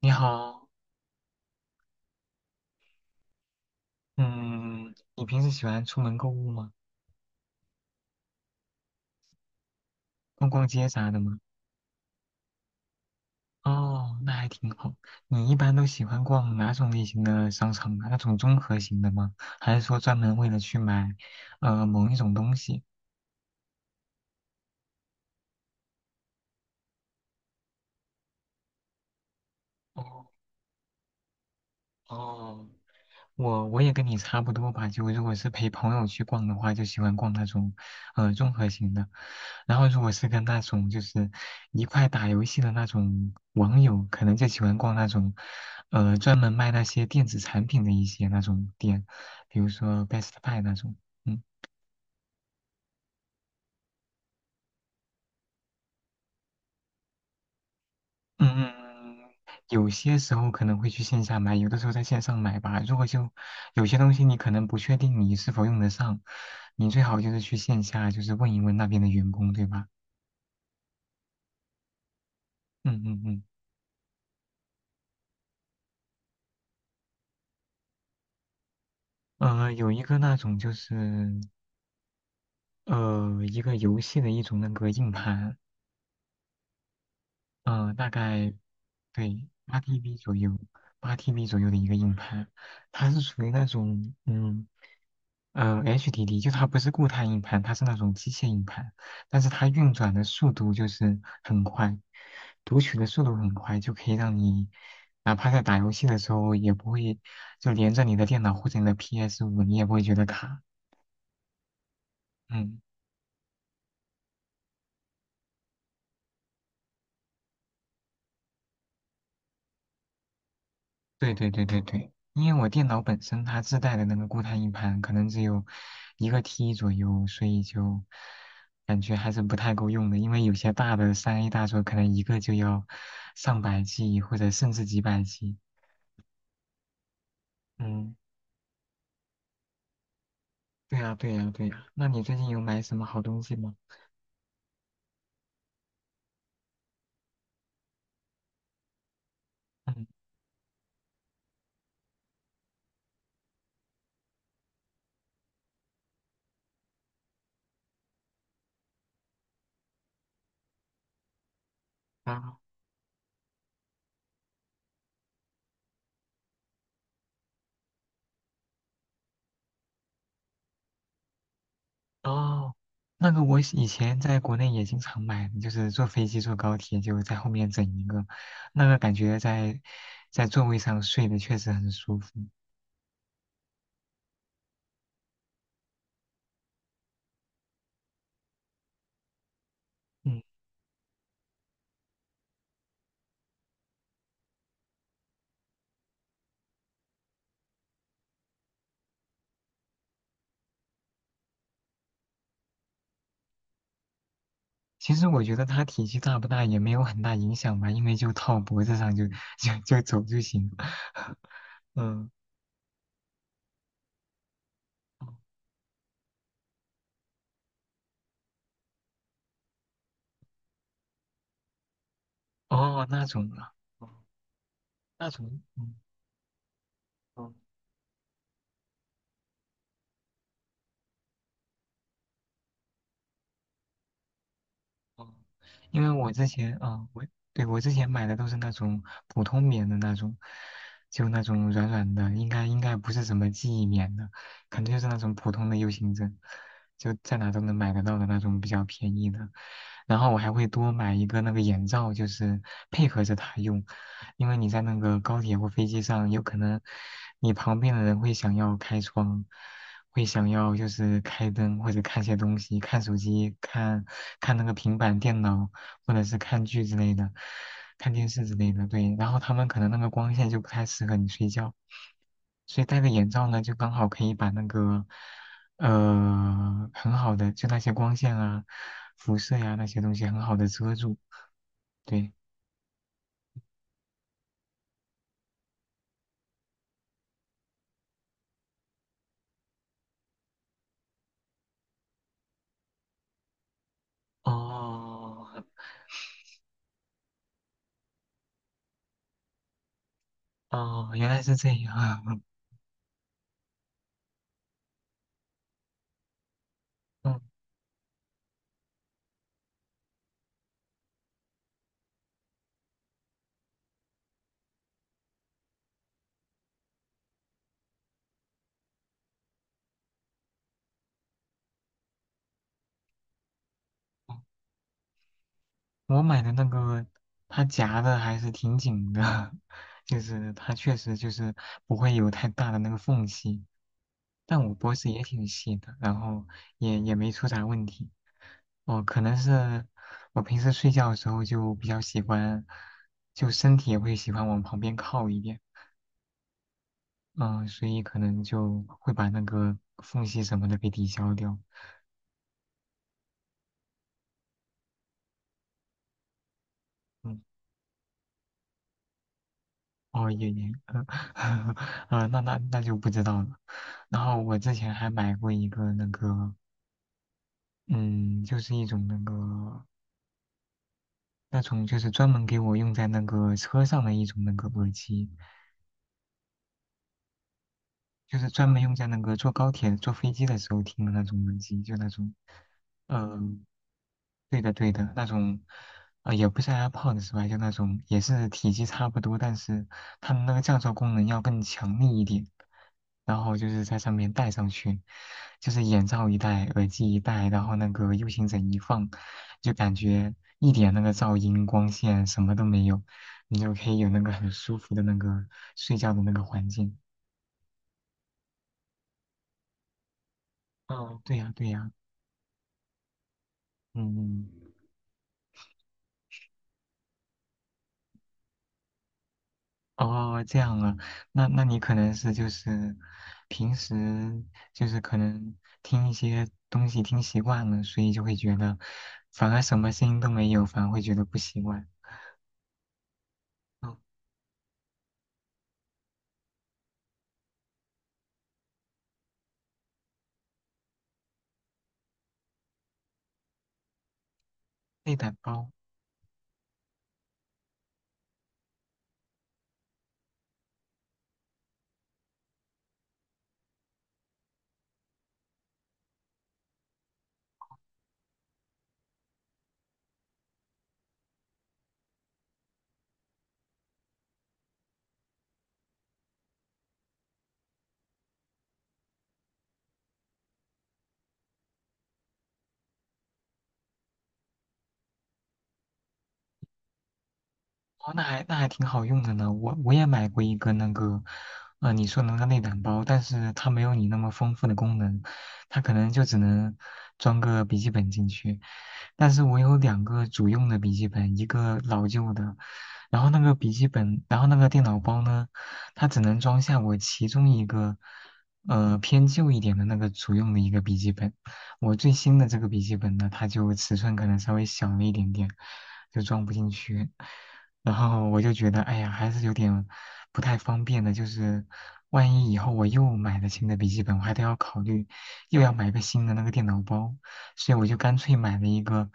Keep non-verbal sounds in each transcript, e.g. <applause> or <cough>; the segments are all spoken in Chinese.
你好。嗯，你平时喜欢出门购物吗？逛逛街啥的吗？哦，那还挺好。你一般都喜欢逛哪种类型的商场啊？那种综合型的吗？还是说专门为了去买，某一种东西？哦哦，我也跟你差不多吧，就如果是陪朋友去逛的话，就喜欢逛那种综合型的，然后如果是跟那种就是一块打游戏的那种网友，可能就喜欢逛那种专门卖那些电子产品的一些那种店，比如说 Best Buy 那种。嗯嗯嗯，有些时候可能会去线下买，有的时候在线上买吧。如果就有些东西你可能不确定你是否用得上，你最好就是去线下就是问一问那边的员工，对吧？嗯嗯嗯，有一个那种就是一个游戏的一种那个硬盘，呃，大概对八 TB 左右，八 TB 左右的一个硬盘，它是属于那种HDD,就它不是固态硬盘，它是那种机械硬盘，但是它运转的速度就是很快，读取的速度很快，就可以让你哪怕在打游戏的时候也不会就连着你的电脑或者你的 PS5，你也不会觉得卡。嗯。对对对对对，因为我电脑本身它自带的那个固态硬盘可能只有一个 T 左右，所以就感觉还是不太够用的。因为有些大的三 A 大作可能一个就要上百 G 或者甚至几百 G。嗯，对呀对呀对呀。那你最近有买什么好东西吗？嗯啊哦，那个我以前在国内也经常买，就是坐飞机坐高铁就在后面整一个，那个感觉在在座位上睡的确实很舒服。嗯，其实我觉得它体积大不大也没有很大影响吧，因为就套脖子上就 <laughs> 就走就行。<laughs> 嗯，哦，那种啊，哦那种，嗯，哦哦，因为我之前啊、对我之前买的都是那种普通棉的那种，就那种软软的，应该不是什么记忆棉的，肯定就是那种普通的 U 型枕，就在哪都能买得到的那种比较便宜的。然后我还会多买一个那个眼罩，就是配合着它用，因为你在那个高铁或飞机上，有可能你旁边的人会想要开窗，会想要就是开灯或者看些东西，看手机，看那个平板电脑，或者是看剧之类的，看电视之类的。对，然后他们可能那个光线就不太适合你睡觉，所以戴个眼罩呢，就刚好可以把那个很好的就那些光线啊、辐射呀、那些东西很好的遮住。对，哦哦，原来是这样，啊。<laughs> 嗯。我买的那个，它夹的还是挺紧的，<laughs> 就是它确实就是不会有太大的那个缝隙。但我脖子也挺细的，然后也也没出啥问题。哦，可能是我平时睡觉的时候就比较喜欢，就身体也会喜欢往旁边靠一点，嗯，所以可能就会把那个缝隙什么的给抵消掉。嗯。哦，也也，呃，<laughs> 呃那那那就不知道了。然后我之前还买过一个那个，嗯，就是一种那个那种就是专门给我用在那个车上的一种那个耳机，就是专门用在那个坐高铁、坐飞机的时候听的那种耳机，就那种，嗯、对的对的，那种，呃，也不是 AirPods 是吧？就那种也是体积差不多，但是它们那个降噪功能要更强力一点。然后就是在上面戴上去，就是眼罩一戴，耳机一戴，然后那个 U 型枕一放，就感觉一点那个噪音、光线什么都没有，你就可以有那个很舒服的那个睡觉的那个环境。哦，对呀，对呀，嗯，哦，这样啊，那那你可能是就是平时就是可能听一些东西听习惯了，所以就会觉得反而什么声音都没有，反而会觉得不习惯。哦，内胆包，哦，那还那还挺好用的呢。我也买过一个那个，呃，你说的那个内胆包，但是它没有你那么丰富的功能，它可能就只能装个笔记本进去。但是我有两个主用的笔记本，一个老旧的，然后那个笔记本，然后那个电脑包呢，它只能装下我其中一个，呃，偏旧一点的那个主用的一个笔记本。我最新的这个笔记本呢，它就尺寸可能稍微小了一点点，就装不进去。然后我就觉得，哎呀，还是有点不太方便的，就是万一以后我又买了新的笔记本，我还得要考虑又要买个新的那个电脑包，所以我就干脆买了一个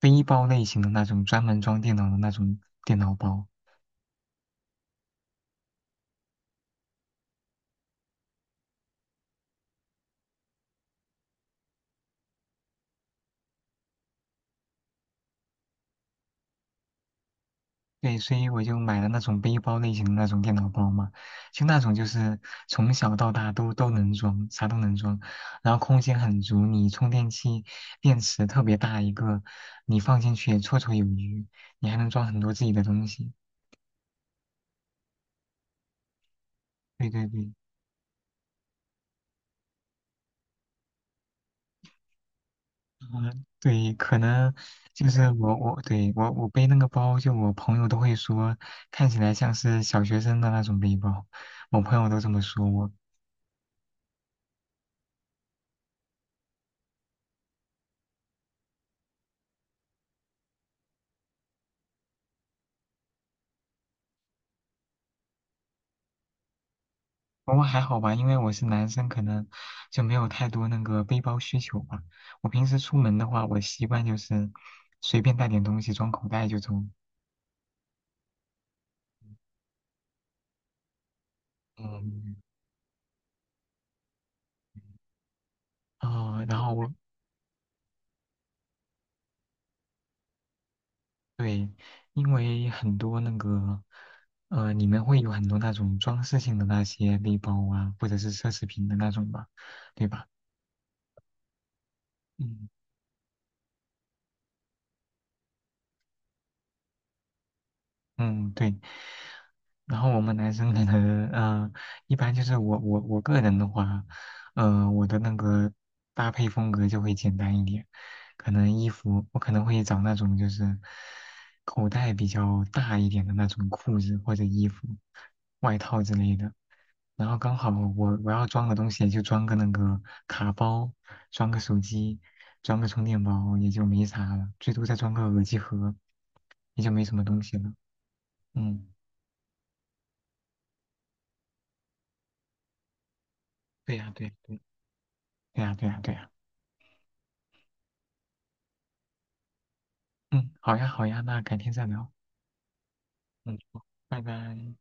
背包类型的那种专门装电脑的那种电脑包。对，所以我就买了那种背包类型的那种电脑包嘛，就那种就是从小到大都能装，啥都能装，然后空间很足，你充电器、电池特别大一个，你放进去也绰绰有余，你还能装很多自己的东西。对对对，嗯，对，可能就是我对我背那个包，就我朋友都会说看起来像是小学生的那种背包，我朋友都这么说我，不过还好吧，因为我是男生，可能就没有太多那个背包需求吧。我平时出门的话，我习惯就是随便带点东西装口袋就走。嗯，然后对，因为很多那个，呃，你们会有很多那种装饰性的那些背包啊，或者是奢侈品的那种吧，对吧？嗯。嗯，对。然后我们男生可能，嗯，一般就是我我个人的话，呃，我的那个搭配风格就会简单一点，可能衣服我可能会找那种就是口袋比较大一点的那种裤子或者衣服、外套之类的。然后刚好我要装的东西也就装个那个卡包，装个手机，装个充电宝也就没啥了，最多再装个耳机盒，也就没什么东西了。嗯。对呀，对呀，对，对呀，对呀，对呀。嗯，好呀，好呀，那改天再聊。嗯，好拜拜。